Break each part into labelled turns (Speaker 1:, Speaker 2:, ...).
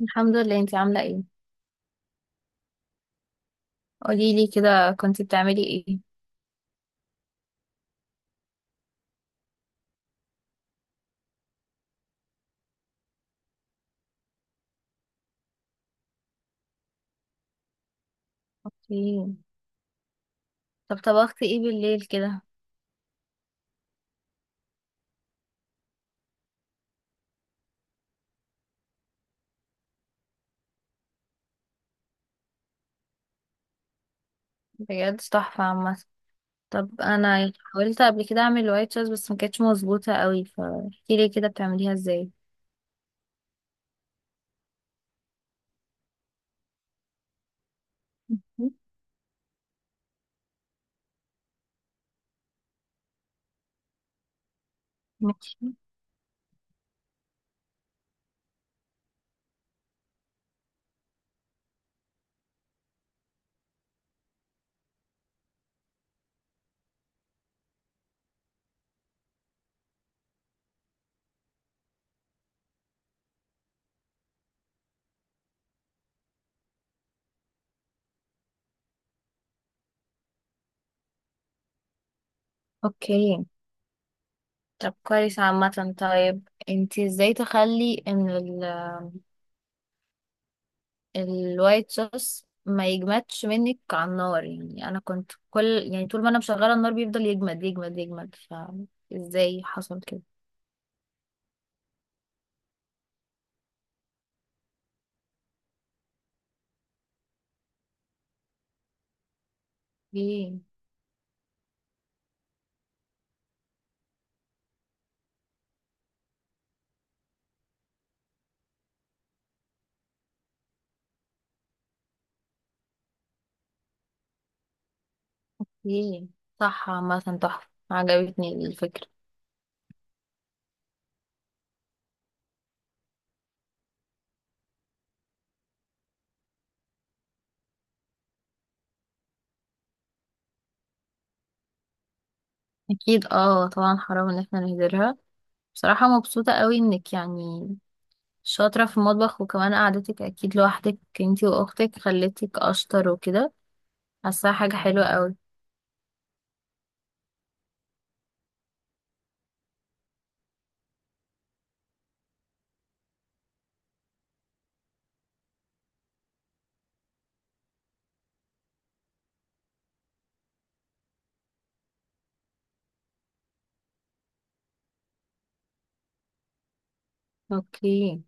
Speaker 1: الحمد لله. انتي عاملة ايه؟ قولي لي كده، كنتي بتعملي ايه؟ اوكي. طب طبختي ايه بالليل كده؟ بجد تحفة عامة. طب انا حاولت قبل كده اعمل وايت صوص بس ما كانتش مظبوطة قوي، فاحكي لي كده بتعمليها ازاي. ماشي. اوكي. طب كويس عامة. طيب انتي ازاي تخلي ان الوايت صوص ما يجمدش منك على النار؟ يعني انا كنت كل، يعني طول ما انا مشغله النار بيفضل يجمد، فازاي حصل كده؟ ايه. ايه. صح عامة، تحفة، عجبتني الفكرة. اكيد اه، طبعا حرام ان احنا نهدرها. بصراحة مبسوطة قوي انك يعني شاطرة في المطبخ، وكمان قعدتك اكيد لوحدك انتي واختك خلتك اشطر وكده. حاساها حاجة حلوة قوي. اوكي.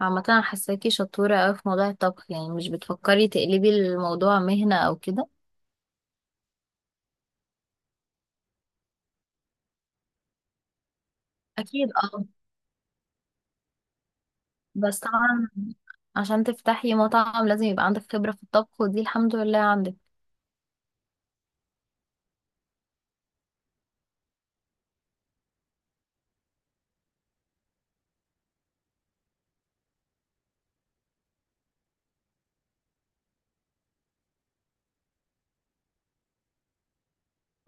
Speaker 1: عامة انا حاساكي شطورة قوي في موضوع الطبخ، يعني مش بتفكري تقلبي الموضوع مهنة او كده؟ اكيد اه. بس طبعا عشان تفتحي مطعم لازم يبقى عندك خبرة في الطبخ، ودي الحمد لله عندك.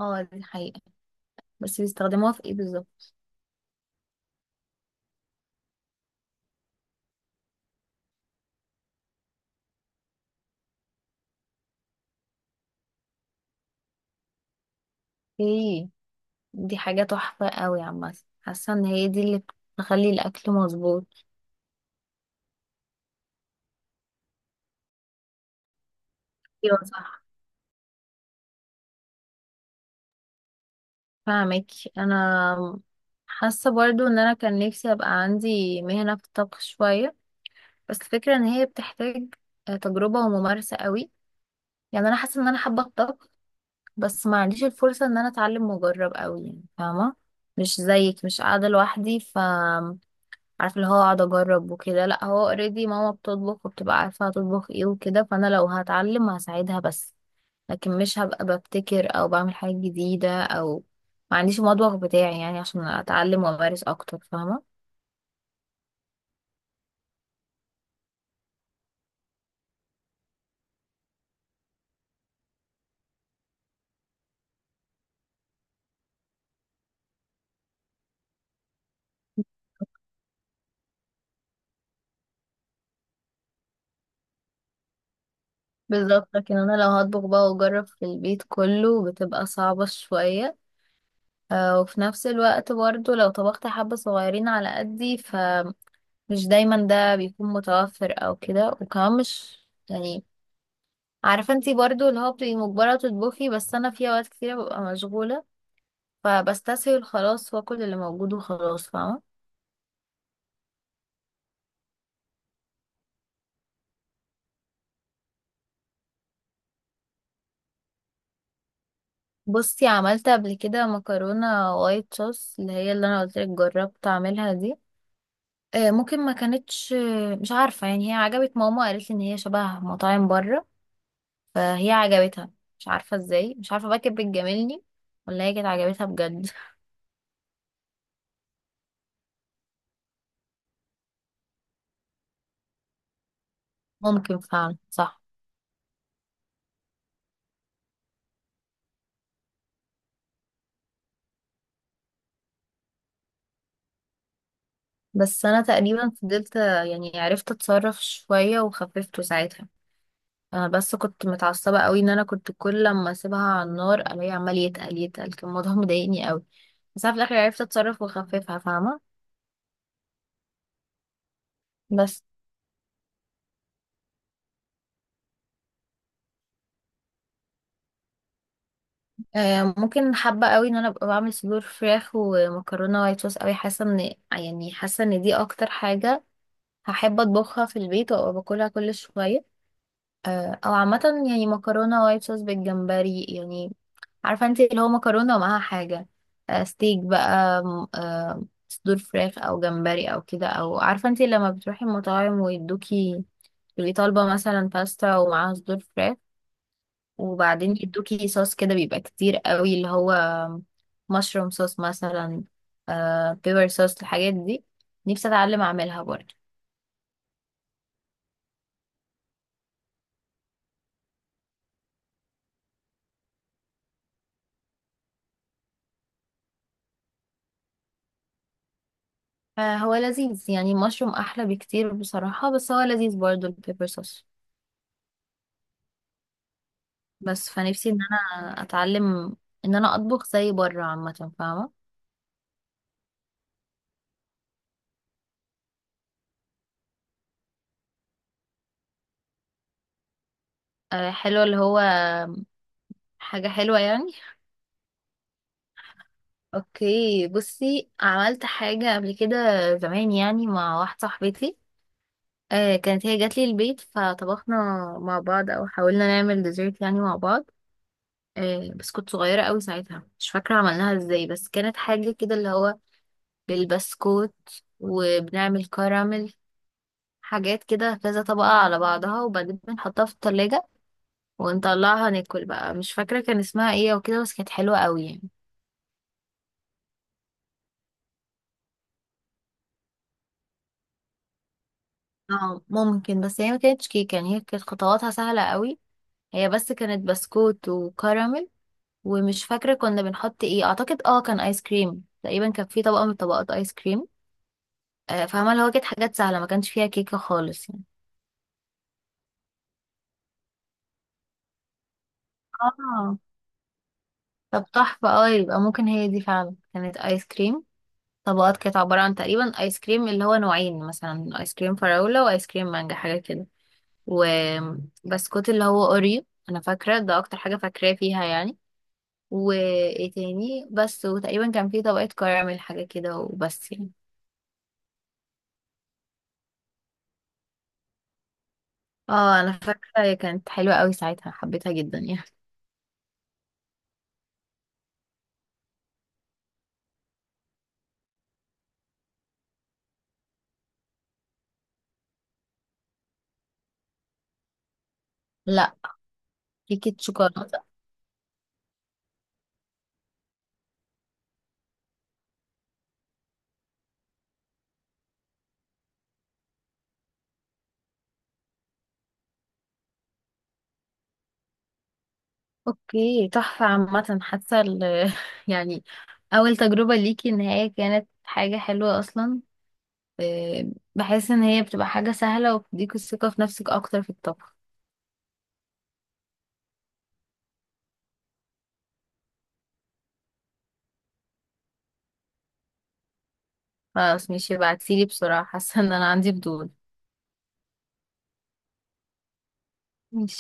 Speaker 1: اه دي حقيقة، بس بيستخدموها في ايه بالظبط؟ ايه. دي حاجة تحفة قوي عامة، حاسة ان هي دي اللي بتخلي الاكل مظبوط. ايوه صح، فاهمك. انا حاسة برضو ان انا كان نفسي ابقى عندي مهنة في الطبخ شوية، بس الفكرة ان هي بتحتاج تجربة وممارسة قوي. يعني انا حاسة ان انا حابة الطبخ، بس ما عنديش الفرصة ان انا اتعلم واجرب قوي، يعني فاهمة؟ مش زيك، مش قاعدة لوحدي، ف عارفه اللي هو اقعد اجرب وكده، لا هو اوريدي ماما بتطبخ وبتبقى عارفه هتطبخ ايه وكده، فانا لو هتعلم هساعدها بس، لكن مش هبقى ببتكر او بعمل حاجه جديده او ما عنديش المطبخ بتاعي، يعني عشان اتعلم وامارس اكتر، فاهمه؟ بالظبط. لكن انا لو هطبخ بقى واجرب في البيت كله بتبقى صعبه شويه، وفي نفس الوقت برضو لو طبخت حبة صغيرين على قدي، فمش دايما ده بيكون متوفر او كده. وكمان مش يعني، عارفة انتي برضو اللي هو بتبقي مجبرة تطبخي، بس انا في اوقات كتيرة ببقى مشغولة فبستسهل خلاص واكل اللي موجود وخلاص، فاهمة؟ بصي عملت قبل كده مكرونة وايت صوص، اللي هي اللي انا قلتلك جربت اعملها دي. ممكن ما كانتش، مش عارفة يعني، هي عجبت ماما، قالت لي ان هي شبه مطاعم بره، فهي عجبتها. مش عارفة ازاي، مش عارفة بقى كانت بتجاملني ولا هي كانت عجبتها بجد. ممكن فعلا، صح. بس انا تقريبا فضلت، يعني عرفت اتصرف شوية وخففته ساعتها. انا بس كنت متعصبه قوي ان انا كنت كل لما اسيبها على النار الاقيه عمال يتقل، كان الموضوع مضايقني قوي. بس انا في الاخر عرفت اتصرف واخففها، فاهمه؟ بس. آه ممكن، حابه قوي ان انا ابقى بعمل صدور فراخ ومكرونه وايت صوص قوي. حاسه ان يعني حاسه ان دي اكتر حاجه هحب اطبخها في البيت وابقى باكلها كل شويه. او عامه يعني مكرونه وايت صوص بالجمبري، يعني عارفه انت اللي هو مكرونه ومعاها حاجه، ستيك بقى صدور فراخ او جمبري او كده. او عارفه انت لما بتروحي المطاعم ويدوكي، تبقي طالبه مثلا باستا ومعاها صدور فراخ، وبعدين يدوكي صوص كده بيبقى كتير قوي، اللي هو مشروم صوص مثلا، بيبر صوص، الحاجات دي نفسي اتعلم اعملها برضه. هو لذيذ يعني، المشروم احلى بكتير بصراحة، بس هو لذيذ برضو البيبر صوص. بس فنفسي ان انا اتعلم ان انا اطبخ زي بره عامة، فاهمة؟ حلو اللي هو حاجة حلوة يعني. اوكي بصي، عملت حاجة قبل كده زمان يعني، مع واحدة صاحبتي. كانت هي جات لي البيت فطبخنا مع بعض، او حاولنا نعمل ديزرت يعني مع بعض. بس كنت صغيرة قوي ساعتها، مش فاكرة عملناها ازاي، بس كانت حاجة كده اللي هو بالبسكوت وبنعمل كراميل، حاجات كده كذا طبقة على بعضها، وبعدين بنحطها في التلاجة ونطلعها ناكل بقى. مش فاكرة كان اسمها ايه او كده، بس كانت حلوة قوي يعني. اه ممكن، بس هي ما كانتش كيكة يعني، هي كانت خطواتها سهلة قوي، هي بس كانت بسكوت وكراميل. ومش فاكرة كنا بنحط ايه، اعتقد اه كان ايس كريم، تقريبا كان في طبقة من طبقات ايس كريم. فاهمة اللي هو كانت حاجات سهلة، ما كانش فيها كيكة خالص يعني. اه طب تحفة. اه يبقى ممكن هي دي فعلا كانت ايس كريم طبقات، كانت عبارة عن تقريبا ايس كريم اللي هو نوعين، مثلا ايس كريم فراولة وايس كريم مانجا، حاجة كده. وبسكوت اللي هو اوريو، انا فاكرة ده اكتر حاجة فاكراه فيها يعني. وايه تاني بس، وتقريبا كان في طبقة كراميل حاجة كده، وبس يعني. اه انا فاكرة هي كانت حلوة قوي ساعتها، حبيتها جدا يعني. لا. كيكة شوكولاتة؟ اوكي تحفة عامة، حاسة ال- يعني اول تجربة ليكي ان هي كانت حاجة حلوة اصلا. آه، بحس ان هي بتبقى حاجة سهلة وبتديك الثقة في نفسك اكتر في الطبخ. خلاص ماشي، ابعتيلي بسرعة، حاسة ان انا عندي فضول. ماشي.